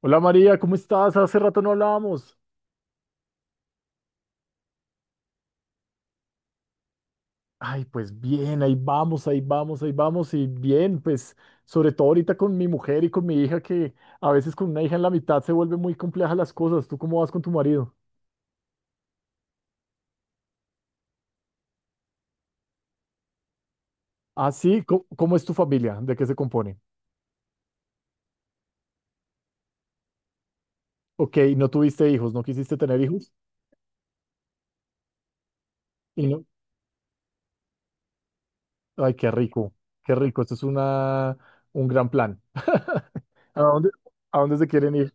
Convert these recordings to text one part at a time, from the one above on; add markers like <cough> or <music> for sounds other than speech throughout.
Hola María, ¿cómo estás? Hace rato no hablábamos. Ay, pues bien, ahí vamos, ahí vamos, ahí vamos y bien, pues sobre todo ahorita con mi mujer y con mi hija que a veces con una hija en la mitad se vuelven muy complejas las cosas. ¿Tú cómo vas con tu marido? Ah, sí, ¿cómo es tu familia? ¿De qué se compone? Ok, no tuviste hijos, no quisiste tener hijos y no. Ay, qué rico, esto es un gran plan. <laughs> ¿A dónde, a dónde se quieren ir?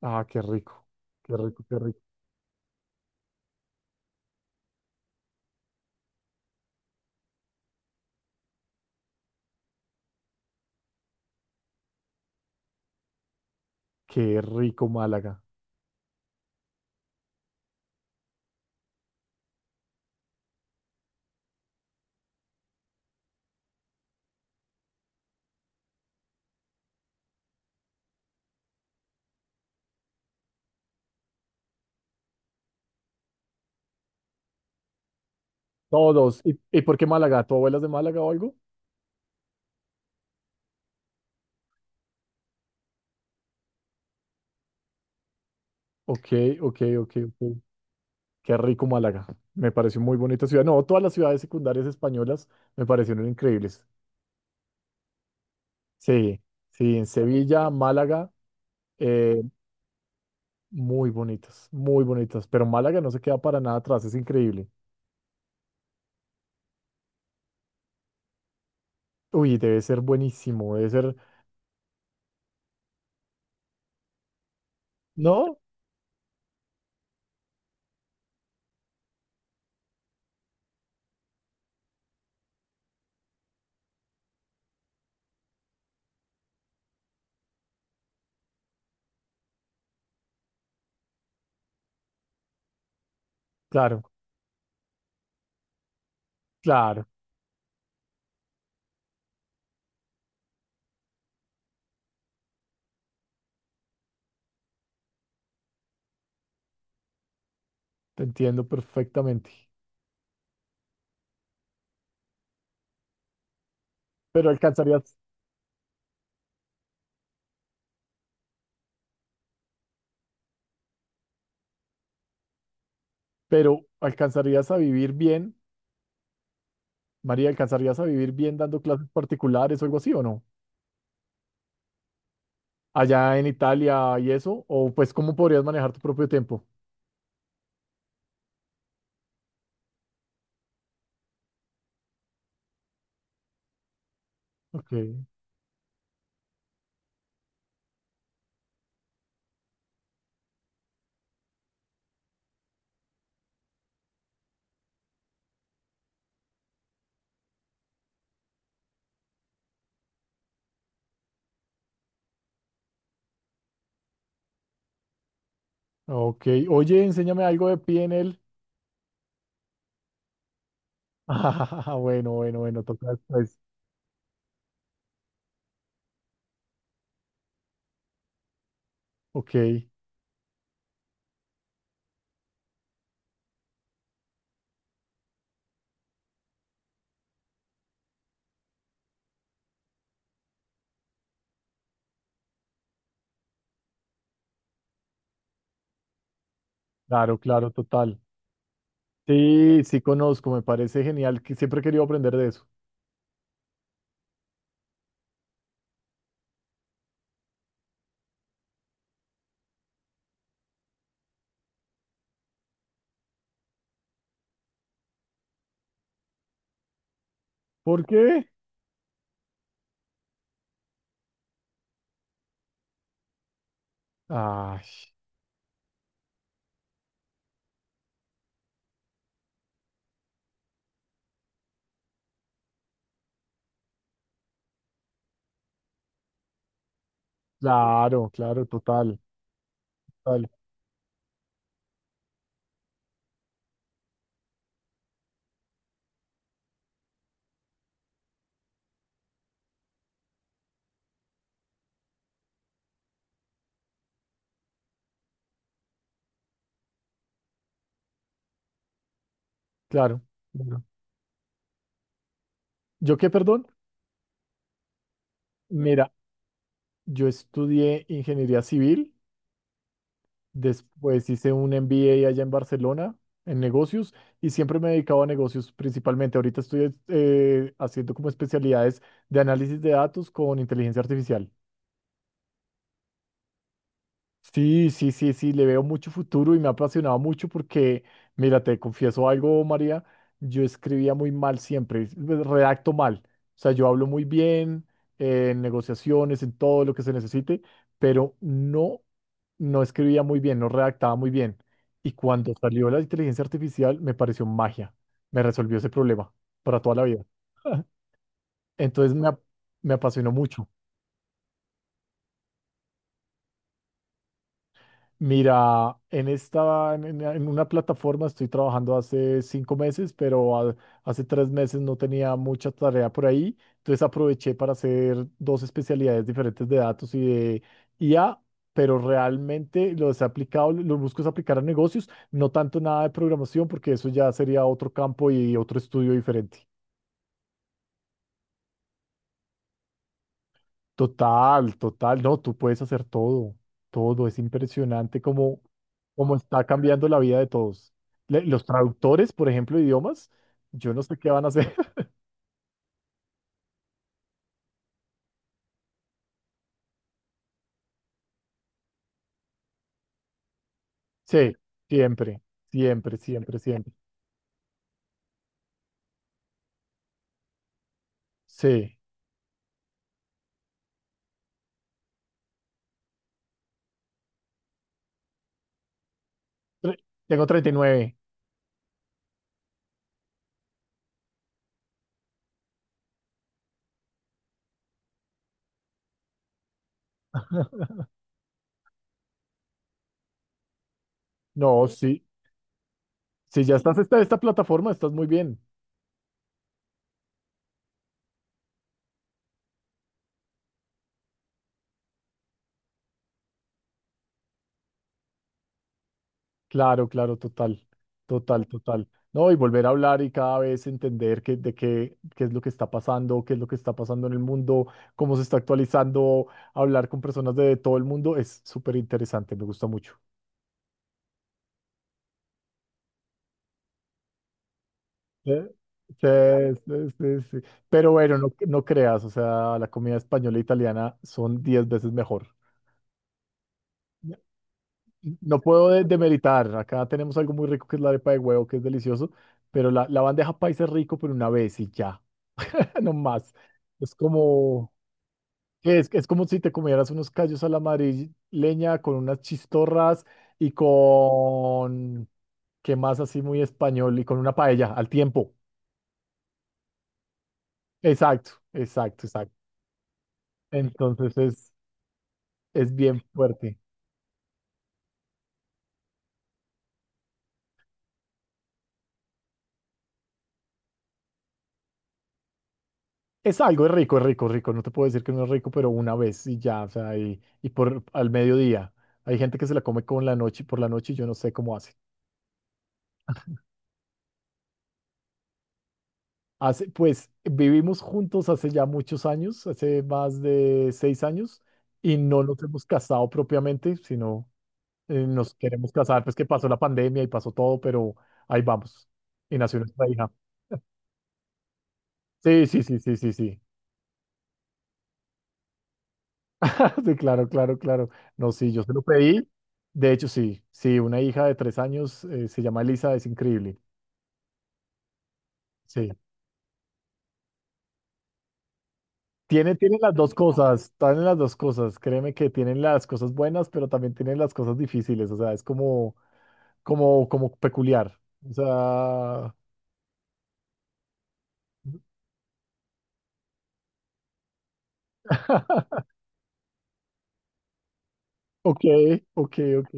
Ah, qué rico, qué rico, qué rico, qué rico Málaga. Todos. ¿Y por qué Málaga? ¿Tu abuela es de Málaga o algo? Ok, ok, ok, ok. Qué rico Málaga. Me pareció muy bonita ciudad. No, todas las ciudades secundarias españolas me parecieron increíbles. Sí, sí, en Sevilla, Málaga, eh, muy bonitas, muy bonitas. Pero Málaga no se queda para nada atrás, es increíble. Uy, debe ser buenísimo, debe ser. ¿No? Claro, claro, te entiendo perfectamente. Pero alcanzarías, pero alcanzarías a vivir bien. María, ¿alcanzarías a vivir bien dando clases particulares o algo así o no? Allá en Italia y eso, o pues cómo podrías manejar tu propio tiempo. Ok, ok. Oye, enséñame algo de PNL. <laughs> Ah, bueno, bueno, bueno, toca después. Ok, claro, claro, total. Sí, sí conozco, me parece genial, que siempre he querido aprender de eso. ¿Por qué? Ay, claro, claro, total, total, claro, claro. ¿Yo qué, perdón? Mira, yo estudié ingeniería civil. Después hice un MBA allá en Barcelona en negocios y siempre me dedicaba a negocios principalmente. Ahorita estoy haciendo como especialidades de análisis de datos con inteligencia artificial. Sí, sí, sí, sí, le veo mucho futuro y me ha apasionado mucho porque, mira, te confieso algo, María, yo escribía muy mal siempre, pues, redacto mal, o sea, yo hablo muy bien en negociaciones, en todo lo que se necesite, pero no, no escribía muy bien, no redactaba muy bien. Y cuando salió la inteligencia artificial, me pareció magia, me resolvió ese problema para toda la vida. <laughs> Entonces me apasionó mucho. Mira, en esta, en una plataforma estoy trabajando hace 5 meses, pero hace 3 meses no tenía mucha tarea por ahí, entonces aproveché para hacer dos especialidades diferentes de datos y de IA, pero realmente los he aplicado, los busco es aplicar a negocios, no tanto nada de programación, porque eso ya sería otro campo y otro estudio diferente. Total, total, no, tú puedes hacer todo, todo, es impresionante cómo, cómo está cambiando la vida de todos. Los traductores, por ejemplo, de idiomas, yo no sé qué van a hacer. <laughs> Sí, siempre, siempre, siempre, siempre. Sí, Tre- tengo 39. No, sí, si ya estás en esta plataforma, estás muy bien. Claro, claro, total, total, total. No, y volver a hablar y cada vez entender qué es lo que está pasando, qué es lo que está pasando en el mundo, cómo se está actualizando, hablar con personas de todo el mundo es súper interesante, me gusta mucho. Eh, Sí, sí, sí, sí. Pero bueno, no, no creas, o sea, la comida española e italiana son 10 veces mejor. No no puedo demeritar, acá tenemos algo muy rico que es la arepa de huevo, que es delicioso, pero la bandeja paisa es rico, pero una vez y ya. <laughs> No más. Es como, es como si te comieras unos callos a la madrileña con unas chistorras y ¿qué más así muy español? Y con una paella al tiempo. Exacto, exacto, exacto. Entonces es bien fuerte. Es algo, es rico, rico. No te puedo decir que no es rico, pero una vez y ya, o sea, y por al mediodía. Hay gente que se la come con la noche, por la noche y yo no sé cómo hace. Pues vivimos juntos hace ya muchos años, hace más de 6 años, y no nos hemos casado propiamente, sino nos queremos casar, pues que pasó la pandemia y pasó todo, pero ahí vamos. Y nació nuestra hija. Sí, sí, sí, sí, sí, sí. <laughs> Sí, claro, claro, claro. No, sí, yo se lo pedí. De hecho, sí, sí, una hija de 3 años, se llama Elisa, es increíble. Sí. Tiene las dos cosas, tienen las dos cosas. Créeme que tienen las cosas buenas, pero también tienen las cosas difíciles. O sea, es como peculiar. O sea, <laughs> ok, ok, ok.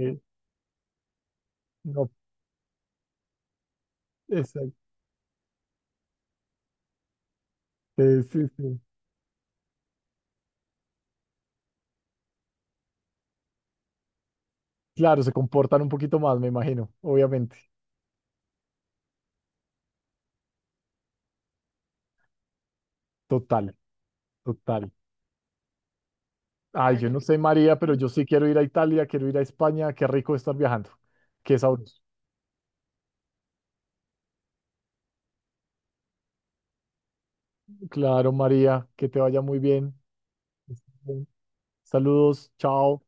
No, exacto. Sí, sí. Claro, se comportan un poquito más, me imagino, obviamente. Total, total. Ay, yo no sé, María, pero yo sí quiero ir a Italia, quiero ir a España. Qué rico estar viajando. Qué sabroso. Claro, María, que te vaya muy bien. Saludos, chao.